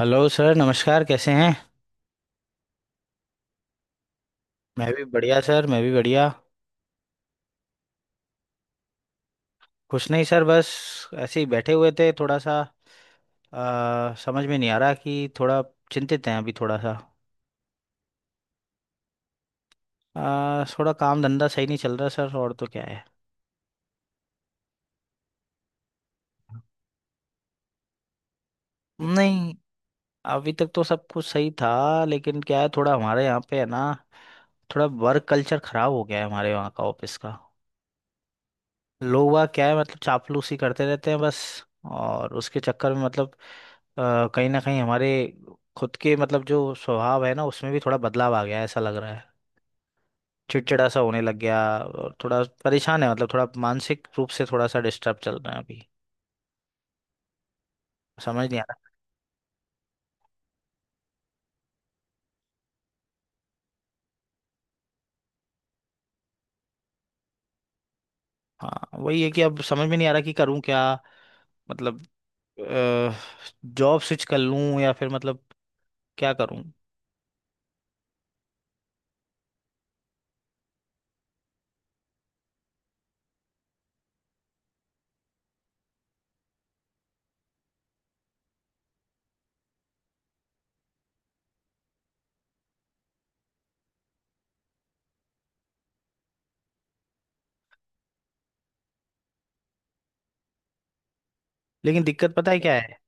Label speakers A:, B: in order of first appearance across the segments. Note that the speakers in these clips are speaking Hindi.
A: हेलो सर, नमस्कार, कैसे हैं। मैं भी बढ़िया सर, मैं भी बढ़िया। कुछ नहीं सर, बस ऐसे ही बैठे हुए थे थोड़ा सा। समझ में नहीं आ रहा कि थोड़ा चिंतित हैं अभी थोड़ा सा। थोड़ा काम धंधा सही नहीं चल रहा सर, और तो क्या है। नहीं, अभी तक तो सब कुछ सही था, लेकिन क्या है, थोड़ा हमारे यहाँ पे है ना, थोड़ा वर्क कल्चर खराब हो गया है हमारे वहाँ का, ऑफिस का। लोग वह क्या है, मतलब चापलूसी करते रहते हैं बस, और उसके चक्कर में मतलब कहीं ना कहीं हमारे खुद के मतलब जो स्वभाव है ना, उसमें भी थोड़ा बदलाव आ गया है ऐसा लग रहा है। चिड़चिड़ा सा होने लग गया, और थोड़ा परेशान है, मतलब थोड़ा मानसिक रूप से थोड़ा सा डिस्टर्ब चल रहा है अभी। समझ नहीं आ रहा। हाँ वही है कि अब समझ में नहीं आ रहा कि करूँ क्या। मतलब जॉब स्विच कर लूँ या फिर मतलब क्या करूँ। लेकिन दिक्कत पता है क्या है।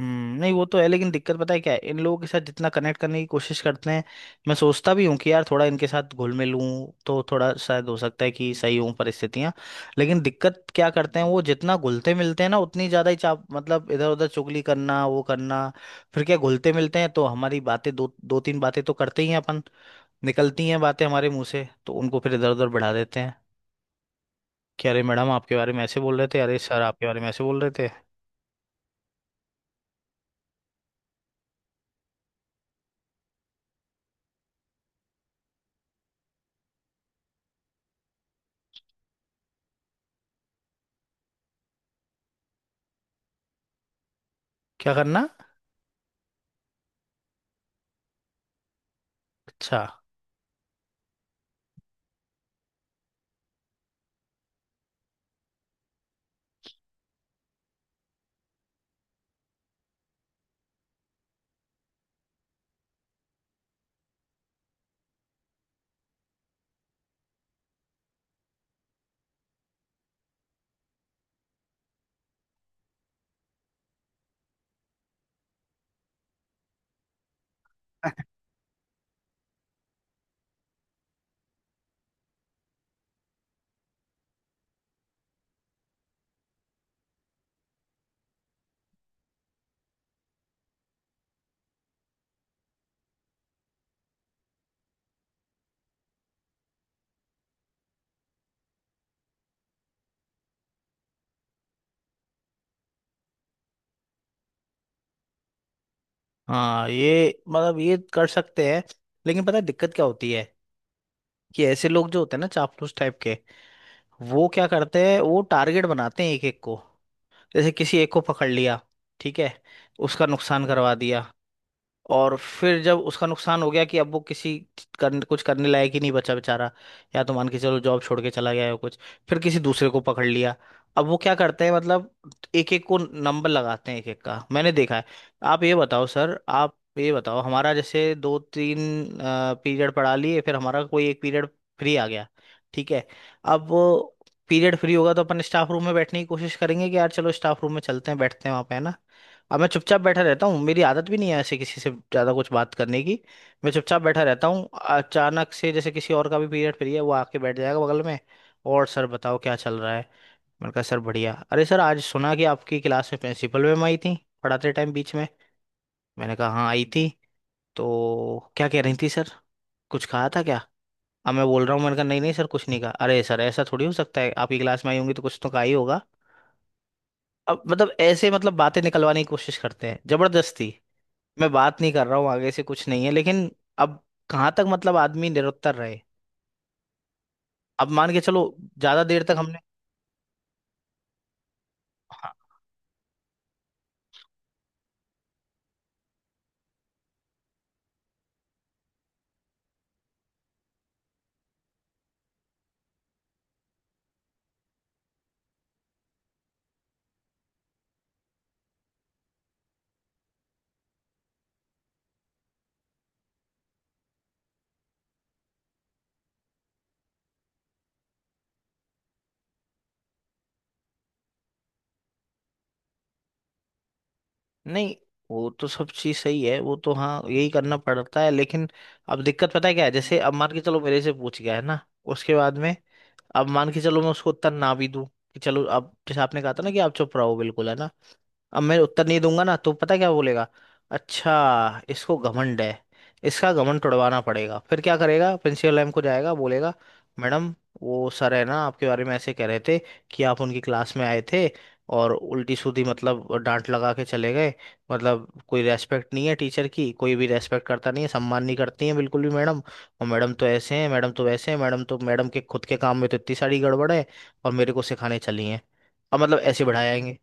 A: हम्म, नहीं वो तो है, लेकिन दिक्कत पता है क्या है, इन लोगों के साथ जितना कनेक्ट करने की कोशिश करते हैं, मैं सोचता भी हूँ कि यार थोड़ा इनके साथ घुल मिल लूँ तो थोड़ा शायद हो सकता है कि सही हूँ परिस्थितियाँ। लेकिन दिक्कत क्या करते हैं, वो जितना घुलते मिलते हैं ना उतनी ज़्यादा ही चाप, मतलब इधर उधर चुगली करना वो करना। फिर क्या, घुलते मिलते हैं तो हमारी बातें दो दो तीन बातें तो करते ही हैं अपन, निकलती हैं बातें हमारे मुंह से, तो उनको फिर इधर उधर बढ़ा देते हैं कि अरे मैडम आपके बारे में ऐसे बोल रहे थे, अरे सर आपके बारे में ऐसे बोल रहे थे। क्या करना। अच्छा। हाँ ये मतलब ये कर सकते हैं, लेकिन पता है दिक्कत क्या होती है, कि ऐसे लोग जो होते हैं ना चापलूस टाइप के, वो क्या करते हैं, वो टारगेट बनाते हैं एक एक को। जैसे किसी एक को पकड़ लिया, ठीक है, उसका नुकसान करवा दिया। और फिर जब उसका नुकसान हो गया कि अब वो किसी करने, कुछ करने लायक ही नहीं बचा बेचारा, या तो मान के चलो जॉब छोड़ के चला गया या कुछ, फिर किसी दूसरे को पकड़ लिया। अब वो क्या करते हैं मतलब, एक एक को नंबर लगाते हैं एक एक का, मैंने देखा है। आप ये बताओ सर, आप ये बताओ, हमारा जैसे दो तीन पीरियड पढ़ा लिए, फिर हमारा कोई एक पीरियड फ्री आ गया, ठीक है, अब वो पीरियड फ्री होगा तो अपन स्टाफ रूम में बैठने की कोशिश करेंगे कि यार चलो स्टाफ रूम में चलते हैं, बैठते हैं वहाँ पे है ना। अब मैं चुपचाप बैठा रहता हूँ, मेरी आदत भी नहीं है ऐसे किसी से ज़्यादा कुछ बात करने की, मैं चुपचाप बैठा रहता हूँ। अचानक से जैसे किसी और का भी पीरियड फ्री है, वो आके बैठ जाएगा बगल में। और सर बताओ क्या चल रहा है। मैंने कहा सर बढ़िया। अरे सर आज सुना कि आपकी क्लास में प्रिंसिपल मैम आई थी, पढ़ाते टाइम बीच में। मैंने कहा हाँ आई थी। तो क्या कह रही थी सर, कुछ कहा था क्या। अब मैं बोल रहा हूँ, मैंने कहा नहीं नहीं सर कुछ नहीं कहा। अरे सर ऐसा थोड़ी हो सकता है, आपकी क्लास में आई होंगी तो कुछ तो कहा ही होगा। अब मतलब ऐसे मतलब बातें निकलवाने की कोशिश करते हैं जबरदस्ती। मैं बात नहीं कर रहा हूँ, आगे से कुछ नहीं है लेकिन, अब कहाँ तक मतलब आदमी निरुत्तर रहे। अब मान के चलो ज्यादा देर तक हमने। हाँ, नहीं वो तो सब चीज सही है, वो तो हाँ यही करना पड़ता है, लेकिन अब दिक्कत पता है क्या है, जैसे अब मान के चलो मेरे से पूछ गया है ना, उसके बाद में, अब मान के चलो मैं उसको उत्तर ना भी दूं, कि चलो अब जैसे आपने कहा था ना कि आप चुप रहो बिल्कुल है ना, अब मैं उत्तर नहीं दूंगा ना तो पता क्या बोलेगा, अच्छा इसको घमंड है, इसका घमंड तुड़वाना पड़ेगा, फिर क्या करेगा प्रिंसिपल मैम को जाएगा बोलेगा, मैडम वो सर है ना, आपके बारे में ऐसे कह रहे थे, कि आप उनकी क्लास में आए थे और उल्टी सीधी मतलब डांट लगा के चले गए, मतलब कोई रेस्पेक्ट नहीं है टीचर की, कोई भी रेस्पेक्ट करता नहीं है, सम्मान नहीं करती है बिल्कुल भी मैडम, और मैडम तो ऐसे हैं मैडम तो वैसे हैं, मैडम तो मैडम के खुद के काम में तो इतनी सारी गड़बड़ है और मेरे को सिखाने चली हैं। अब मतलब ऐसे बढ़ाएंगे।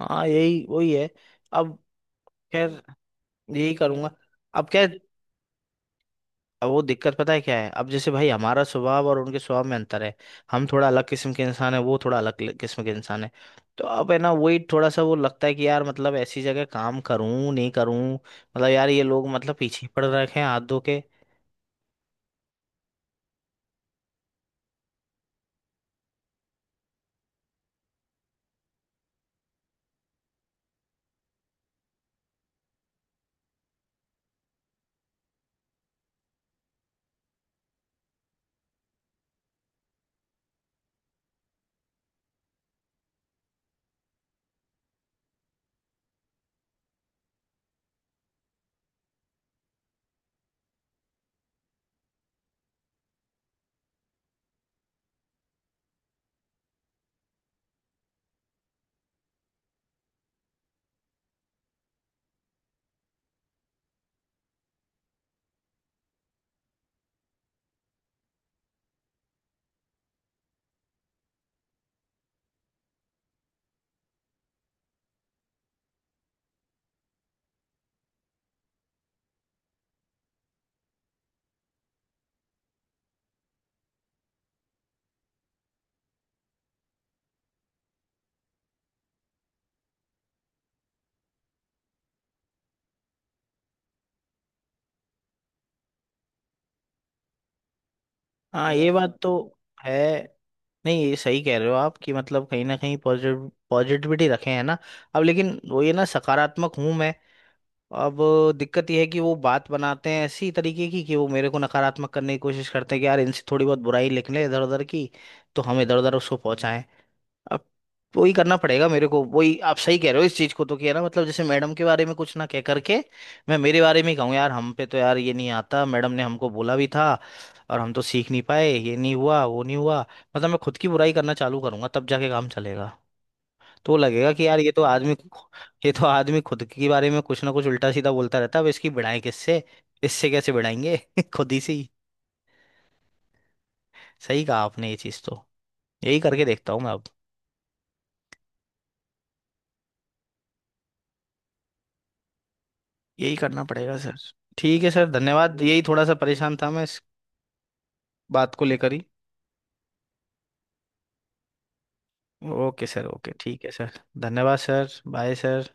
A: हाँ यही वही है। अब खैर, यही करूंगा। अब क्या, अब वो दिक्कत पता है क्या है, अब जैसे भाई हमारा स्वभाव और उनके स्वभाव में अंतर है, हम थोड़ा अलग किस्म के इंसान है, वो थोड़ा अलग किस्म के इंसान है। तो अब है ना, वही थोड़ा सा वो लगता है कि यार मतलब ऐसी जगह काम करूं नहीं करूं, मतलब यार ये लोग मतलब पीछे पड़ रखे हैं हाथ धो के। हाँ ये बात तो है। नहीं ये सही कह रहे हो आप, कि मतलब कहीं ना कहीं पॉजिटिव पॉजिटिविटी रखे हैं ना, अब लेकिन वो ये ना, सकारात्मक हूं मैं। अब दिक्कत यह है कि वो बात बनाते हैं ऐसी तरीके की कि वो मेरे को नकारात्मक करने की कोशिश करते हैं, कि यार इनसे थोड़ी बहुत बुराई लिख लें इधर उधर की, तो हम इधर उधर उसको पहुंचाएं। अब वही करना पड़ेगा मेरे को, वही आप सही कह रहे हो इस चीज को तो, कि है ना मतलब जैसे मैडम के बारे में कुछ ना कह करके मैं मेरे बारे में ही कहूँ, यार हम पे तो यार ये नहीं आता, मैडम ने हमको बोला भी था और हम तो सीख नहीं पाए, ये नहीं हुआ वो नहीं हुआ। मतलब मैं खुद की बुराई करना चालू करूंगा तब जाके काम चलेगा। तो लगेगा कि यार ये तो आदमी, ये तो आदमी खुद के बारे में कुछ ना कुछ उल्टा सीधा बोलता रहता है, अब इसकी भिड़ाएं किससे, इससे कैसे भिड़ाएंगे खुद ही से ही। सही कहा आपने, ये चीज़ तो यही करके देखता हूँ मैं अब। यही करना पड़ेगा सर। ठीक है सर, धन्यवाद, यही थोड़ा सा परेशान था मैं इस बात को लेकर ही। ओके सर, ओके, ठीक है सर, धन्यवाद सर, बाय सर।